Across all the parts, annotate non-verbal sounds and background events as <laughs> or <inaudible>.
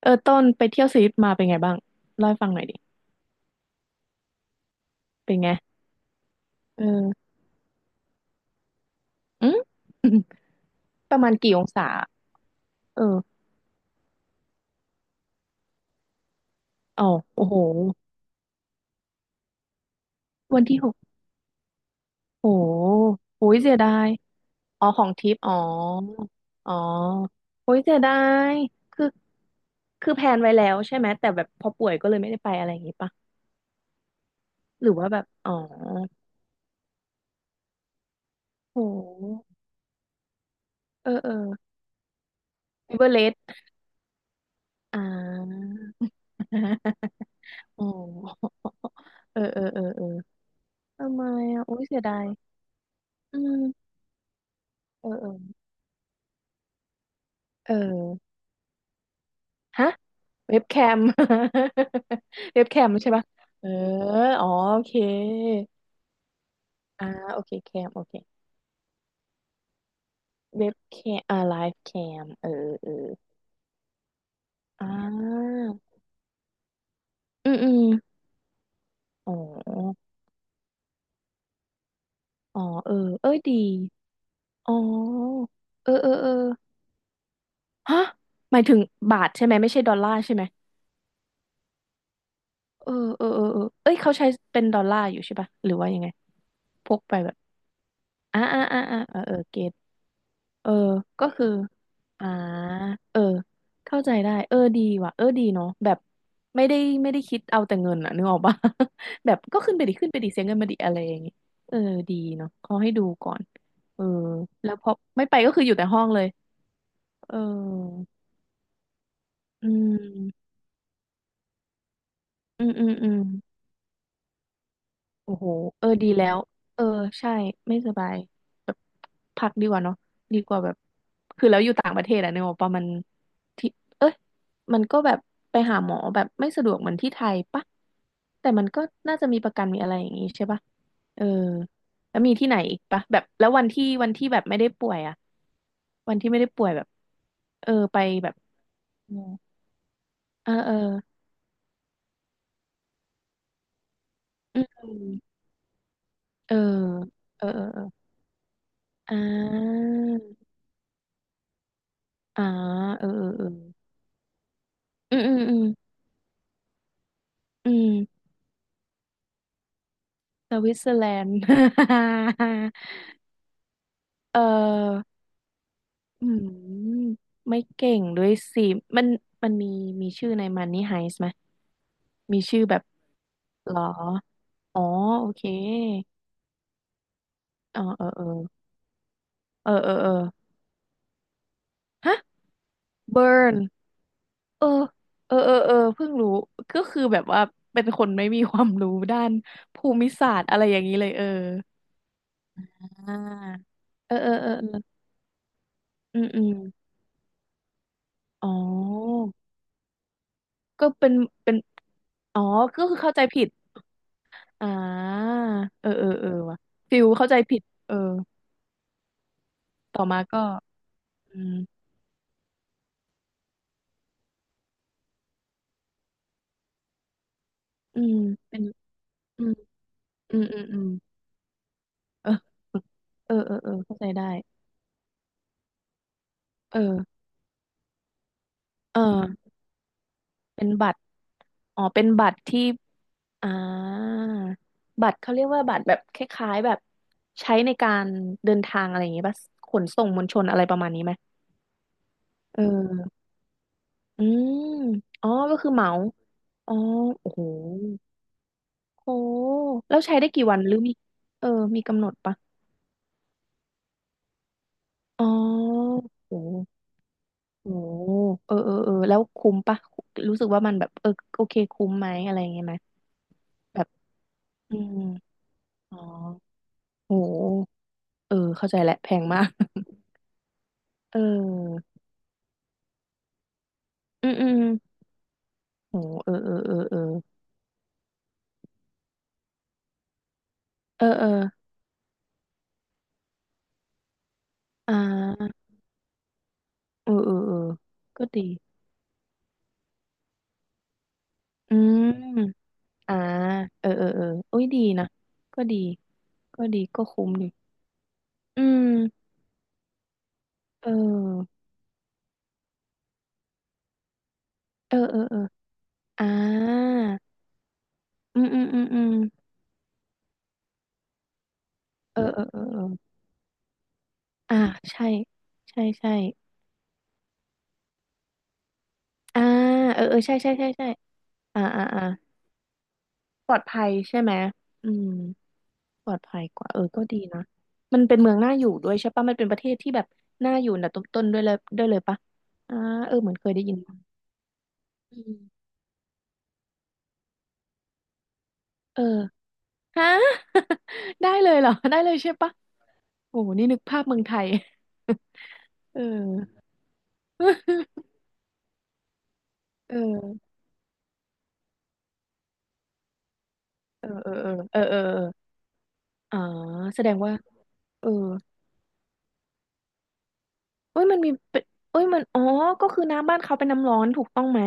เออต้นไปเที่ยวสวิตมาเป็นไงบ้างเล่าให้ฟังหน่อยดิเป็นไงเอออืม <laughs> ประมาณกี่องศาเออเอาโอ้โหวันที่หกโอ้โหโอ้ยเสียดายอ๋อของทริปอ๋ออ๋อโอ้ยเสียดายคือคือแพลนไว้แล้วใช่ไหมแต่แบบพอป่วยก็เลยไม่ได้ไปอะไรอย่างงี้ปะหรือว่าแบบอ๋อโอ้โหเออเออเอเวอเรสต์อ่า <laughs> อ๋อเออเออเออเออทำไมอ่ะโอ้ยเสียดายอืม เออเออเออฮะเว็บแคม <laughs> เว็บแคม <laughs> ใช่ปะเอออ๋อโอเคอ่าโอเคแคมโอเคเว็บแคมอ่าไลฟ์แคมเออเอออ่าอืมอืมอ๋ออ๋อเออเอ้ยดีอ๋อเออเออเออฮะหมายถึงบาทใช่ไหมไม่ใช่ดอลลาร์ใช่ไหมเออเออเออเออเอ้ยเขาใช้เป็นดอลลาร์อยู่ใช่ปะหรือว่ายังไงพกไปแบบอ่าอ่าอ่าอ่าเออเออเก เออก็คืออ่าเออเข้าใจได้เออดีว่ะเออดีเนาะแบบไม่ได้ไม่ได้คิดเอาแต่เงินอะนึกออกปะ <laughs> แบบก็ขึ้นไปดิขึ้นไปดิเสียเงินมาดิอะไรอย่างงี้เออดีเนาะเขาให้ดูก่อนเออแล้วพอไม่ไปก็คืออยู่แต่ห้องเลยเอออืมอืม โอ้โห เออดีแล้ว เออใช่ไม่สบายแบบพักดีกว่าเนาะดีกว่าแบบ คือแล้วอยู่ต่างประเทศอะเนบอกว่ามันที่เอ้ยมันก็แบบไปหาหมอแบบไม่สะดวกเหมือนที่ไทยปะแต่มันก็น่าจะมีประกันมีอะไรอย่างงี้ใช่ปะเออแล้วมีที่ไหนอีกปะแบบแล้ววันที่วันที่แบบไม่ได้ป่วยอะวันที่ไม่ได้ป่วยแบบเออไปแบบอเออเอออืมเออเออเออเอออ่าอ่าเออเออเออ อืมอืมอืมอืมสวิตเซอร์แลนด์ <laughs> เอออืมไม่เก่งด้วยสิมันมันมีมีชื่อในมันนี่ไฮส์ไหมมีชื่อแบบหรออ๋อโอเคอ๋อเออเออเออเออเออฮะเบิร์นเออเออเออเออเพิ่งรู้ก็คือแบบว่าเป็นคนไม่มีความรู้ด้านภูมิศาสตร์อะไรอย่างนี้เลยเอออ่าเออเออเออเอออืมอ๋อก็เป็นเป็น อ๋อก็คือเข้าใจผิดอ่าเออเออเออว่ะฟิลเข้าใจผิดเออต่อมาก็อืมอืมเป็นอืมอืมเออเออเออเออเข้าใจได้เออเออเป็นบัตรอ๋อเป็นบัตรที่อ่าบัตรเขาเรียกว่าบัตรแบบคล้ายๆแบบใช้ในการเดินทางอะไรอย่างเงี้ยป่ะขนส่งมวลชนอะไรประมาณนี้ไหมเอออืมอ๋อก็คือเหมาอ๋อโอ้โห โอ้แล้วใช้ได้กี่วันหรือมีเออมีกำหนดปะอ๋อโหโหเออเออเออแล้วคุ้มปะรู้สึกว่ามันแบบเออโอเคคุ้มไหมอะไรอย่างเงี้ยไหมแบบอืมอ๋อโหเออเข้าใจแล้วแพงมากเอออืมโหเออเออเออเออเออเอออ่าเออเออเออก็ดีอืมอ่าเออเออเออโอ้ยดีนะก็ดีก็ดีก็คุ้มดีอืมเออเออเออเออ อ่าอืมเออเออเออเอออ่าใช่ ใช่ใช่อ่าเออเออใช่ใช่ใช่ใช่อ่าอ่าอ่าปลอดภัยใช่ไหมอืมปลอดภัยกว่าเออก็ดีนะมันเป็นเมืองน่าอยู่ด้วยใช่ปะมันเป็นประเทศที่แบบน่าอยู่นดต้นๆด้วยเลยด้วยเลยปะอ่าเออเหมือนเคยได้ยินมาอืมเออฮะ <laughs> ได้เลยเหรอได้เลยใช่ปะโอ้โหนี่นึกภาพเมืองไทย <laughs> เออ <laughs> เออเออเออเออเออเออเอออ๋อแสดงว่า เออเอ้ยมันมีเป็นเอ้ยมันอ๋อก็คือน้ำบ้านเขาเป็นน้ำร้อนถูกต้องไหม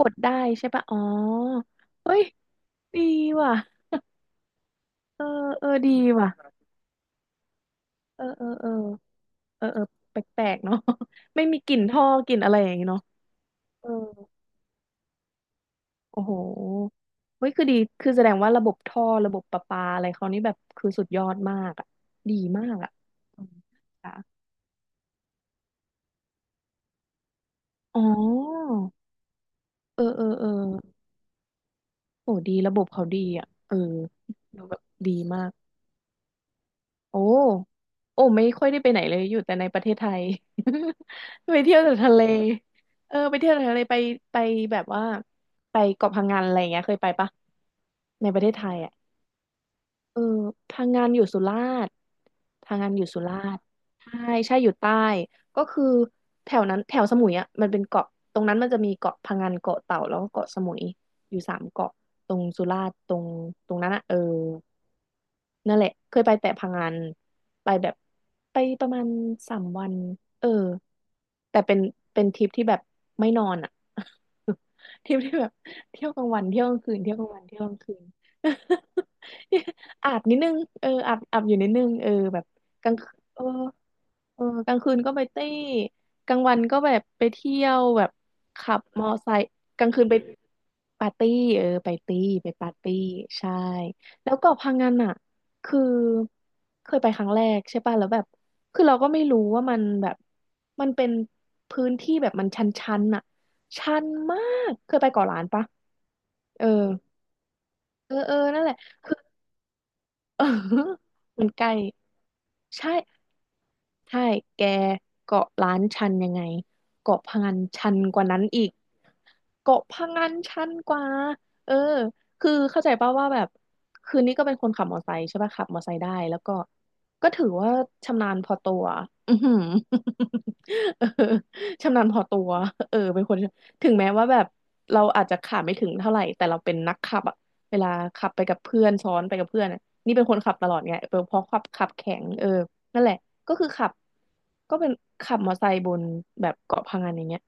กดได้ใช่ปะอ๋อเฮ้ยดีว่ะเออเออดีว่ะเออเออเออเออเออแปลกๆเนาะ <laughs> ไม่มีกลิ่นท่อกลิ่นอะไรอย่างงี้เนาะเออโอ้โหเฮ้ยคือดี คือแสดงว่าระบบท่อระบบประปาอะไรเขานี่แบบคือสุดยอดมากอ่ะดีมากอ่ะอืมค่ะอ๋อเออเออเออโอ้ดีระบบเขาดีอ่ะเออดูแบบดีมาก โอ้โอ้ไม่ค่อยได้ไปไหนเลยอยู่แต่ในประเทศไทย <laughs> ไปเที่ยวแต่ทะเลเออไปเที่ยวแต่ทะเลไปไปแบบว่าไปเกาะพังงานอะไรอย่างเงี้ยเคยไปปะในประเทศไทยอ่ะเออพังงานอยู่สุราษฎร์พังงานอยู่สุราษฎร์ใช่ใช่อยู่ใต้ก็คือแถวนั้นแถวสมุยอ่ะมันเป็นเกาะตรงนั้นมันจะมีเกาะพังงานเกาะเต่าแล้วก็เกาะสมุยอยู่สามเกาะตรงสุราษฎร์ตรงตรงนั้นอ่ะเออ นั่นแหละเคยไปแต่พังงานไปแบบไปประมาณสามวันเออแต่เป็นเป็นทริปที่แบบไม่นอนอ่ะ <laughs> ทริปที่แบบเที่ยวกลางวันเที่ยวกลางคืนเที่ยวกลางวันเที่ยวกลางคืน <laughs> อาบนิดนึงเอออาบอยู่นิดนึงเออแบบกลางคืนเอออกลางคืนก็ไปเต้กลางวันก็แบบไปเที่ยวแบบขับมอไซค์กลางคืนไปปาร์ตี้เออไปตี้ไปปาร์ตี้ใช่แล้วเกาะพังงานอ่ะ คือเคยไปครั้งแรกใช่ป่ะแล้วแบบคือเราก็ไม่รู้ว่ามันแบบมันเป็นพื้นที่แบบมันชันๆน่ะชันมากเคยไปเกาะล้านปะเออเออนั่นแหละคือ <laughs> เออมันใกล้ใช่แกเกาะล้านชันยังไงเกาะพะงันชันกว่านั้นอีก เกาะพะงันชันกว่าเออคือเข้าใจป่าวว่าแบบคืนนี้ก็เป็นคนขับมอไซค์ใช่ป่ะขับมอไซค์ได้แล้วก็ถือว่าชำนาญพอตัว <laughs> อือหือ <laughs> เออชำนาญพอตัวเออเป็นคนถึงแม้ว่าแบบเราอาจจะขับไม่ถึงเท่าไหร่แต่เราเป็นนักขับอะเวลาขับไปกับเพื่อนซ้อนไปกับเพื่อนอะนี่เป็นคนขับตลอดไงเออเพราะขับแข็งเออนั่นแหละก็คือขับก็เป็นขับมอไซค์บนแบบเกาะพะงันอย่างเงี้ย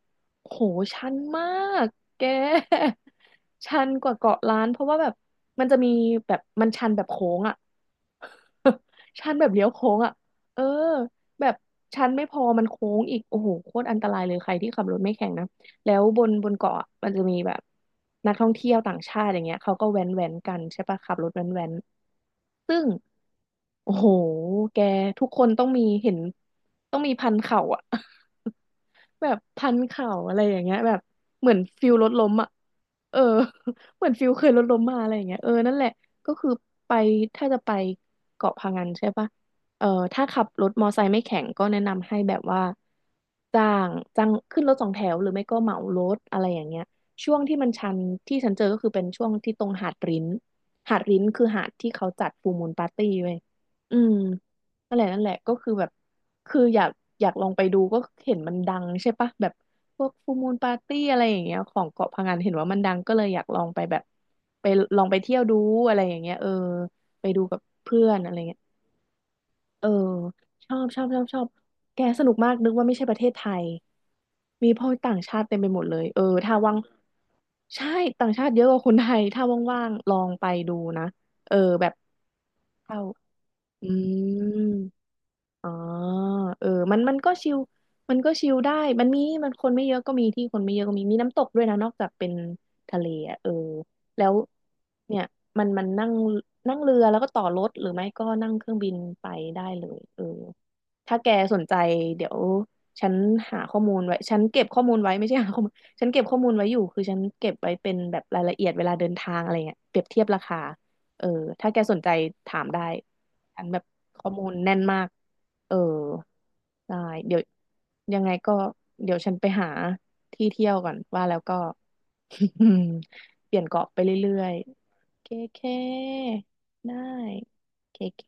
โหชันมาก แก <laughs> ชันกว่าเกาะล้านเพราะว่าแบบมันจะมีแบบมันชันแบบโค้งอ่ะชันแบบเลี้ยวโค้งอ่ะเออแบบชันไม่พอมันโค้งอีกโอ้โหโคตรอันตรายเลยใครที่ขับรถไม่แข็งนะแล้วบนเกาะอะมันจะมีแบบนักท่องเที่ยวต่างชาติอย่างเงี้ยเขาก็แว้นแว้นกันใช่ปะขับรถแว้นแว้นซึ่งโอ้โหแกทุกคนต้องมีเห็นต้องมีพันเข่าอ่ะ แบบพันเข่าอะไรอย่างเงี้ยแบบเหมือนฟิลรถล้มอ่ะเออ <laughs> เหมือนฟิลเคยรถล้มมาอะไรอย่างเงี้ยเออนั่นแหละก็คือไปถ้าจะไปเกาะพะงันใช่ปะเออถ้าขับรถมอไซค์ไม่แข็งก็แนะนำให้แบบว่าจ้างจ้างขึ้นรถสองแถวหรือไม่ก็เหมารถอะไรอย่างเงี้ยช่วงที่มันชันที่ฉันเจอก็คือเป็นช่วงที่ตรงหาดริ้นหาดริ้นคือหาดที่เขาจัดฟูลมูนปาร์ตี้เว้ยอืมนั่นแหละก็คือแบบ คืออยากอยากลองไปดูก็เห็นมันดังใช่ปะแบบพวกฟูมูลปาร์ตี้อะไรอย่างเงี้ยของเกาะพะงันเห็นว่ามันดังก็เลยอยากลองไปแบบไปลองไปเที่ยวดูอะไรอย่างเงี้ยเออไปดูกับเพื่อนอะไรเงี้ยเออชอบแกสนุกมากนึกว่าไม่ใช่ประเทศไทยมีพ่อต่างชาติเต็มไปหมดเลยเออถ้าว่างใช่ต่างชาติเยอะกว่าคนไทยถ้าว่างๆลองไปดูนะเออแบบเข้าอืม อ๋อเออมันมันก็ชิลมันก็ชิลได้มันมีมันคนไม่เยอะก็มีที่คนไม่เยอะก็มี มีน้ำตกด้วยนะนอกจากเป็นทะเลอ่ะเออแล้วเนี่ยมันมันนั่งนั่งเรือแล้วก็ต่อรถหรือไม่ก็นั่งเครื่องบินไปได้เลยเออถ้าแกสนใจเดี๋ยวฉันหาข้อมูลไว้ฉันเก็บข้อมูลไว้ไม่ใช่หาข้อมูลฉันเก็บข้อมูลไว้อยู่คือฉันเก็บไว้เป็นแบบรายละเอียดเวลาเดินทางอะไรเงี้ยเปรียบเทียบราคาเออถ้าแกสนใจถามได้ ฉันแบบข้อมูลแน่นมาก เออ ได้เดี๋ยวยังไงก็เดี๋ยวฉันไปหาที่เที่ยวก่อนว่าแล้วก็ <laughs> เปลี่ยนเกาะไปเรื่อยๆเคเคได้เคเค